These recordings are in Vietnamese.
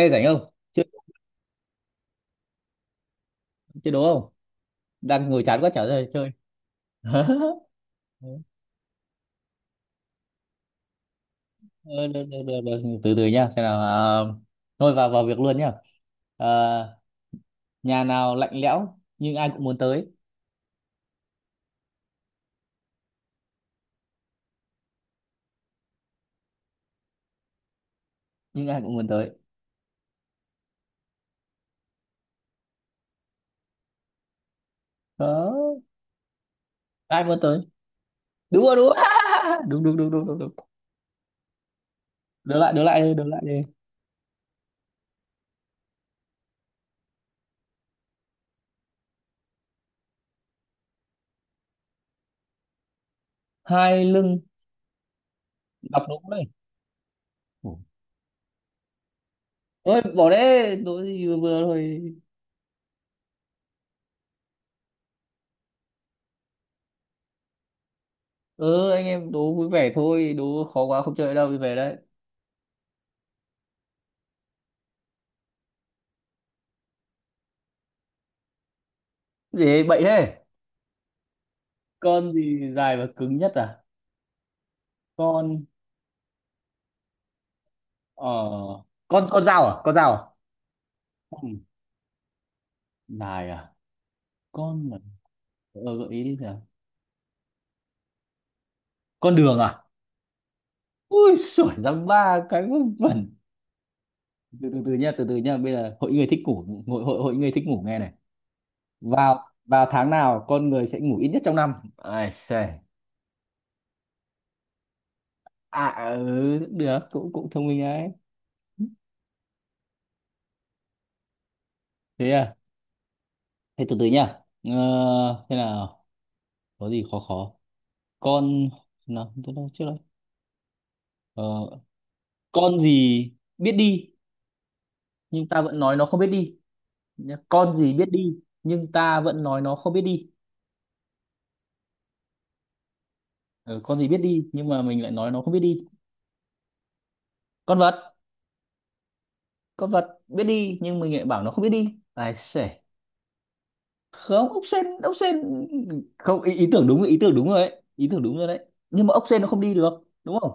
Ê rảnh không? Chơi chơi đố không? Đang ngồi chán quá chả ra chơi. Ờ, được, được, được, được. Từ từ nhá, xem nào. Thôi vào vào việc luôn nhá. À, nhà nào lạnh lẽo nhưng ai cũng muốn tới, nhưng ai cũng muốn tới. Đó, ai muốn tới? Đúng rồi, đúng rồi. Đúng đúng đúng đúng đúng đúng. Đưa lại đi, đưa lại đi. Hai lưng đọc đúng đấy. Ủa. Ôi bỏ đấy, đố gì vừa vừa thôi. Ừ anh em đố vui vẻ thôi, đố khó quá không chơi đâu đi về đấy. Gì bậy thế? Con gì dài và cứng nhất à? Con ờ con dao à? Con dao à? Ừ. Dài à? Con mà. Ờ, gợi ý đi nào. Con đường à? Ui sủa ra ba cái vớ vẩn. Từ từ từ nha, từ từ nha. Bây giờ hội người thích ngủ, hội hội hội người thích ngủ nghe này. Vào vào tháng nào con người sẽ ngủ ít nhất trong năm ai xề? À ừ, cũng được, cũng cũng thông minh đấy. Thế à? Thế từ từ nha. Ờ, Thế nào, có gì khó khó? Con nào tôi đâu trước đấy? Con gì biết đi nhưng ta vẫn nói nó không biết đi nhá. Con gì biết đi nhưng ta vẫn nói nó không biết đi? Ừ, con gì biết đi nhưng mà mình lại nói nó không biết đi? Con vật. Con vật biết đi nhưng mình lại bảo nó không biết đi ai sể? Không, ốc sên ốc sên, không ý, ý tưởng đúng, ý tưởng đúng rồi đấy, ý tưởng đúng rồi đấy, nhưng mà ốc sên nó không đi được đúng không?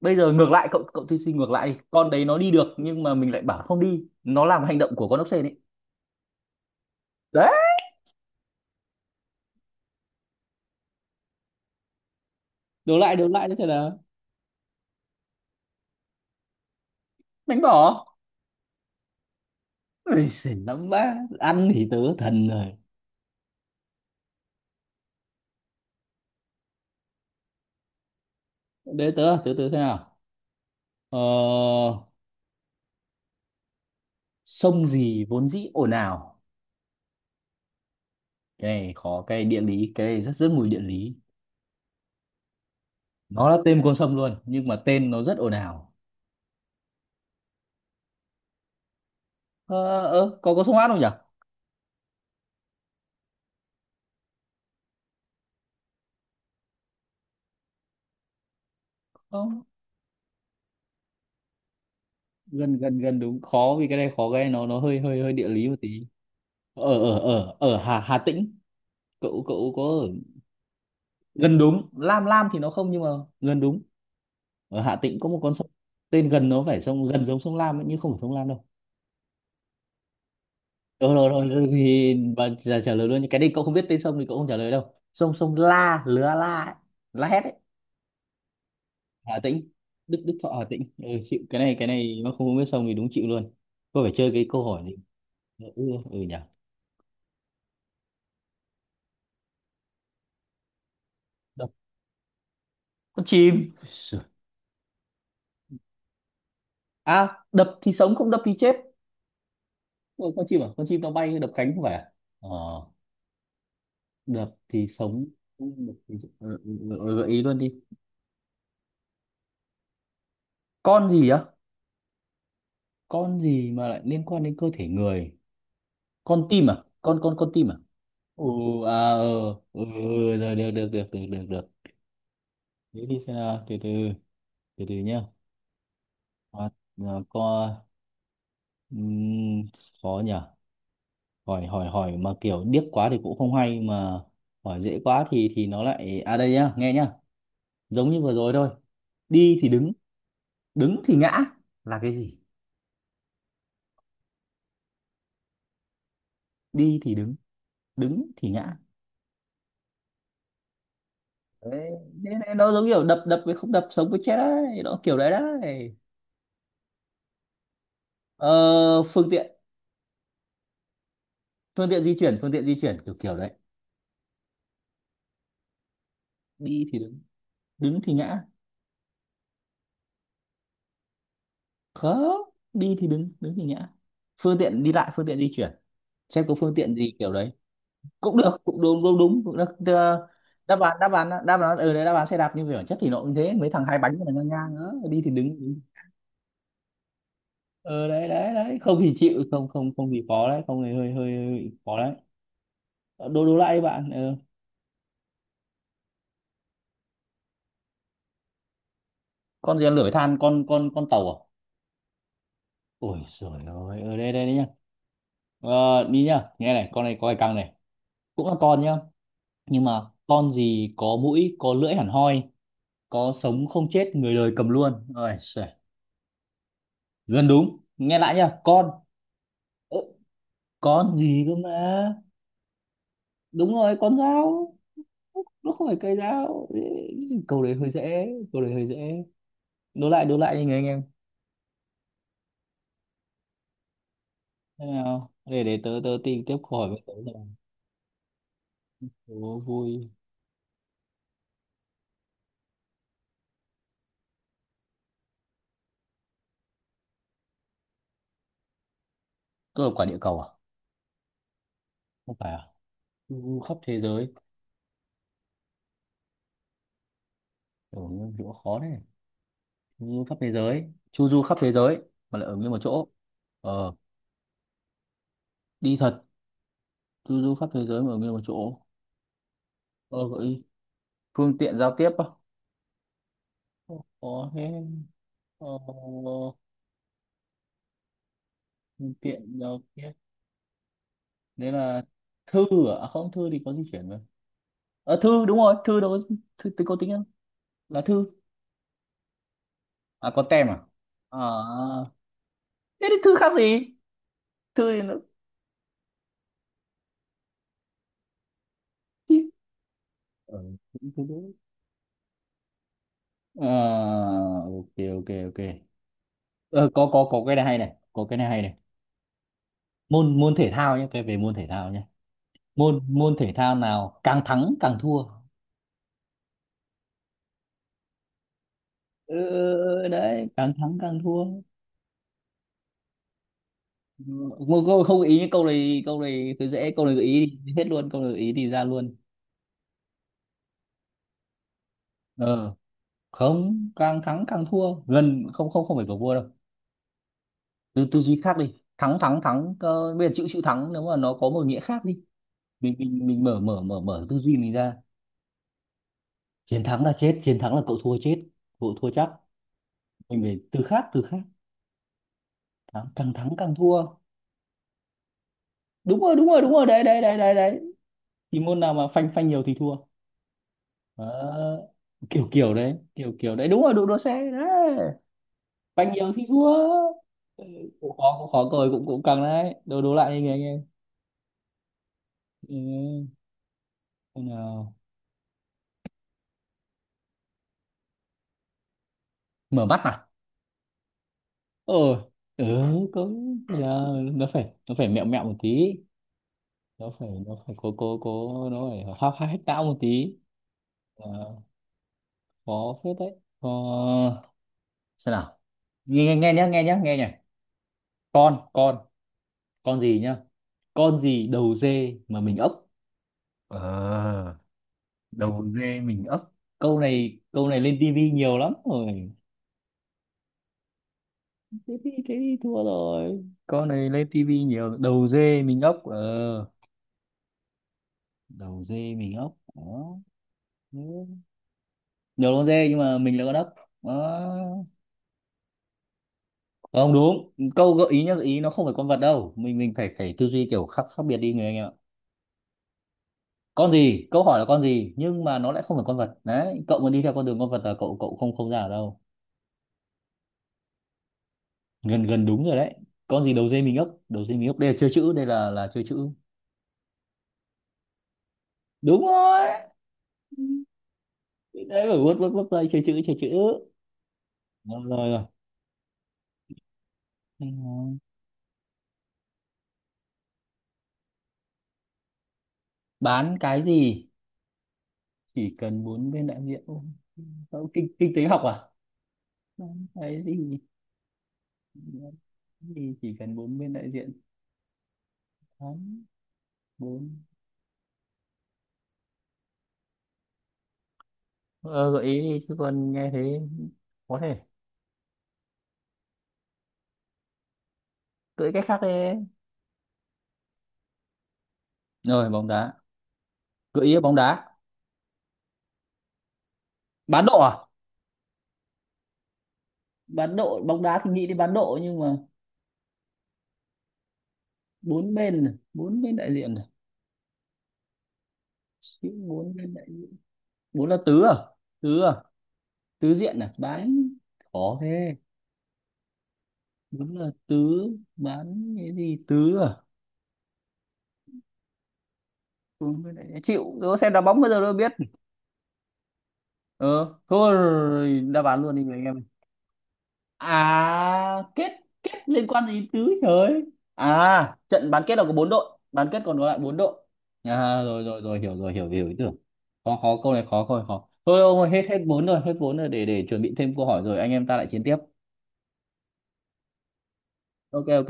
Bây giờ ngược lại, cậu cậu thí sinh ngược lại đi. Con đấy nó đi được nhưng mà mình lại bảo không đi, nó làm hành động của con ốc sên ấy. Đấy. Đổ lại, đổ lại như thế là. Đánh bỏ. Ôi xì, nóng quá ăn thì tớ thần rồi. Để tớ, tớ xem nào. Ờ, sông gì vốn dĩ ồn ào? Cái này khó, cái này địa lý, cái này rất rất mùi địa lý. Nó là tên con sông luôn nhưng mà tên nó rất ồn ào. Ờ, có sông Át không nhỉ? Không, gần gần gần đúng. Khó vì cái này khó, cái này nó hơi hơi hơi địa lý một tí. Ở ở ở ở Hà Hà Tĩnh. Cậu cậu có ở. Gần đúng, Lam Lam thì nó không nhưng mà gần đúng. Ở Hà Tĩnh có một con sông tên gần, nó phải sông gần giống sông Lam ấy, nhưng không phải sông Lam đâu. Rồi, rồi, rồi, thì bà trả, trả lời luôn. Cái này cậu không biết tên sông thì cậu không trả lời đâu, sông, sông La Lứa La ấy. La Hét ấy. Hà Tĩnh, Đức, Đức Thọ, Hà Tĩnh, ừ. Chịu, cái này mà không biết sông thì đúng chịu luôn. Có phải chơi cái câu hỏi này. Ừ, ừ. Ừ nhỉ. Đập. Con chim Sửa. À đập thì sống không đập thì chết. Ủa, con chim à? Con chim nó bay đập cánh không phải à? Ờ, đập thì sống không đập thì... Gợi ý luôn đi. Con gì á? Con gì mà lại liên quan đến cơ thể người? Con tim à? Con tim à? Ừ. À ừ, ừ ừ, rồi, được được được được được được. Thế thì xem nào, từ từ nhá. À, à, có. ừm, Khó nhỉ. Hỏi hỏi hỏi mà kiểu điếc quá thì cũng không hay mà hỏi dễ quá thì nó lại. À đây nhá, nghe nhá, giống như vừa rồi thôi. Đi thì đứng, đứng thì ngã là cái gì? Đi thì đứng, đứng thì ngã. Đấy, thế này nó giống kiểu đập đập với không đập, sống với chết đấy, nó kiểu đấy đấy. Ờ, phương tiện, phương tiện di chuyển, phương tiện di chuyển kiểu kiểu đấy. Đi thì đứng, đứng thì ngã. Không, đi thì đứng, đứng thì ngã, phương tiện đi lại, phương tiện di chuyển. Xem có phương tiện gì kiểu đấy. Cũng được, cũng đúng đúng đúng, cũng được. Tức là đáp án, đáp án, đáp án ừ đấy, đáp án xe đạp, nhưng về bản chất thì nó cũng thế, mấy thằng hai bánh là ngang ngang nữa, đi thì đứng, đứng. Ờ đấy đấy đấy, không thì chịu, không không không thì khó đấy, không thì hơi hơi, hơi khó đấy. Ờ, đố đố lại đi bạn, ừ. Con gì ăn lửa với than? Con tàu à? Ôi trời ơi ở đây, đây đấy nhá. Ờ, đi nhá, nghe này con này có cái căng này, cũng là con nhá, nhưng mà con gì có mũi có lưỡi hẳn hoi, có sống không chết người đời cầm luôn. Ôi giời, gần đúng, nghe lại nhá, con. Ơ, con gì cơ mà. Đúng rồi, con dao. Nó không phải cây dao. Ê, câu đấy hơi dễ. Câu đấy hơi dễ. Đố lại, đố lại đi người anh em. Thế nào để tớ, tìm tiếp câu hỏi với, tớ rồi. Đố vui. Cơ là quả địa cầu à? Không phải à? Chu du khắp thế giới, ở nguyên chỗ khó đấy. Chu du khắp thế giới, chu du khắp thế giới mà lại ở nguyên một chỗ. Ờ, đi thật, du du khắp thế giới mà ở nguyên một chỗ. Ờ, gợi ý. Phương tiện giao tiếp á? Không có thế. Ờ, phương tiện giao tiếp đấy là thư à? À không, thư thì có di chuyển mà. Ờ thư đúng rồi, thư đâu có, thư tính có tính không là thư? À có tem à? À, thế thì thư khác gì, thư thì nó, chứ. Ờ cũng thế đấy. Ờ, ok ok ok. Ờ, có cái này hay này, có cái này hay này. Môn môn thể thao nhé, cái về môn thể thao nhé. Môn môn thể thao nào càng thắng càng thua? Ừ, đấy càng thắng càng thua. Ừ, một câu không gợi ý, câu này cứ dễ, câu này gợi ý thì hết luôn, câu này gợi ý thì ra luôn. Ờ, không, càng thắng càng thua gần, không không không phải cầu vua đâu. Tư tư duy khác đi, thắng thắng thắng. Ờ, bây giờ chữ chữ thắng nếu mà nó có một nghĩa khác đi, mình mở mở mở mở tư duy mình ra. Chiến thắng là chết, chiến thắng là cậu thua chết, cậu thua chắc. Mình phải từ khác, từ khác. Thắng, càng thắng càng thua. Đúng rồi, đúng rồi, đúng rồi, đấy đấy đấy đấy đấy. Thì môn nào mà phanh phanh nhiều thì thua. Đó. Kiểu kiểu đấy, kiểu kiểu đấy, đúng rồi, đụ đua xe đấy, banh nhiều thì thua. Ừ, cũng khó cười, cũng cũng căng đấy, đấu đấu lại đi, nghe nghe. Ừ. Thế nào? Mở mắt à? Ờ. Ừ, cũng thế nào nó phải, nó phải mẹo mẹo một tí, nó phải cố cố cố nó phải hóc hách não một tí. Ờ, khó phết đấy. Ờ, xem nào, nghe nghe nghe nhá, nghe nhá, nghe nhá. Con con gì nhá? Con gì đầu dê mà mình ốc? Ờ. Đầu dê mình ấp. Câu này câu này lên tivi nhiều lắm rồi. Thế thì thế thì thua rồi, câu này lên tivi nhiều, đầu dê mình ấp ờ. Đầu dê mình ấp, đó. Ừ. Nhiều con dê nhưng mà mình là con ấp. Đó. Không đúng. Câu gợi ý nhá, gợi ý nó không phải con vật đâu, mình phải phải tư duy kiểu khác, khác biệt đi người anh em ạ. Con gì, câu hỏi là con gì nhưng mà nó lại không phải con vật đấy, cậu mà đi theo con đường con vật là cậu cậu không không ra ở đâu. Gần gần đúng rồi đấy. Con gì đầu dê mình ấp, đầu dê mình ấp, đây là chơi chữ, đây là chơi chữ. Đúng rồi, đấy, phải vuốt vuốt vuốt đây, chơi chữ, chơi chữ. Rồi rồi rồi. Hay nói. Bán cái gì chỉ cần bốn bên đại diện? Ô, sao, kinh, kinh tế học à? Bán cái gì? Bán cái gì chỉ cần bốn bên đại diện? Bán, bốn. Ờ, gợi ý đi chứ còn nghe thế. Có thể cưỡi cách khác đi. Rồi, bóng đá. Gợi ý là bóng đá. Bán độ à? Bán độ, bóng đá thì nghĩ đến bán độ nhưng mà bốn bên này, bốn bên đại diện này. Chữ bốn bên đại diện. Bốn là tứ à? Tứ à? Tứ diện à, bán. Khó thế. Đúng là tứ. Bán cái gì tứ à? Ừ, cái này chịu, đố xem đá bóng bây giờ đâu biết. Ờ thôi rồi, đáp án luôn đi người anh em. À kết. Kết liên quan gì tứ trời. À trận bán kết là có bốn đội, bán kết còn có lại bốn đội. À rồi rồi rồi hiểu rồi, hiểu hiểu ý tưởng. Khó khó, câu này khó, câu này khó thôi ông ơi. Hết hết bốn rồi, hết bốn rồi, để chuẩn bị thêm câu hỏi rồi anh em ta lại chiến tiếp. Ok ok.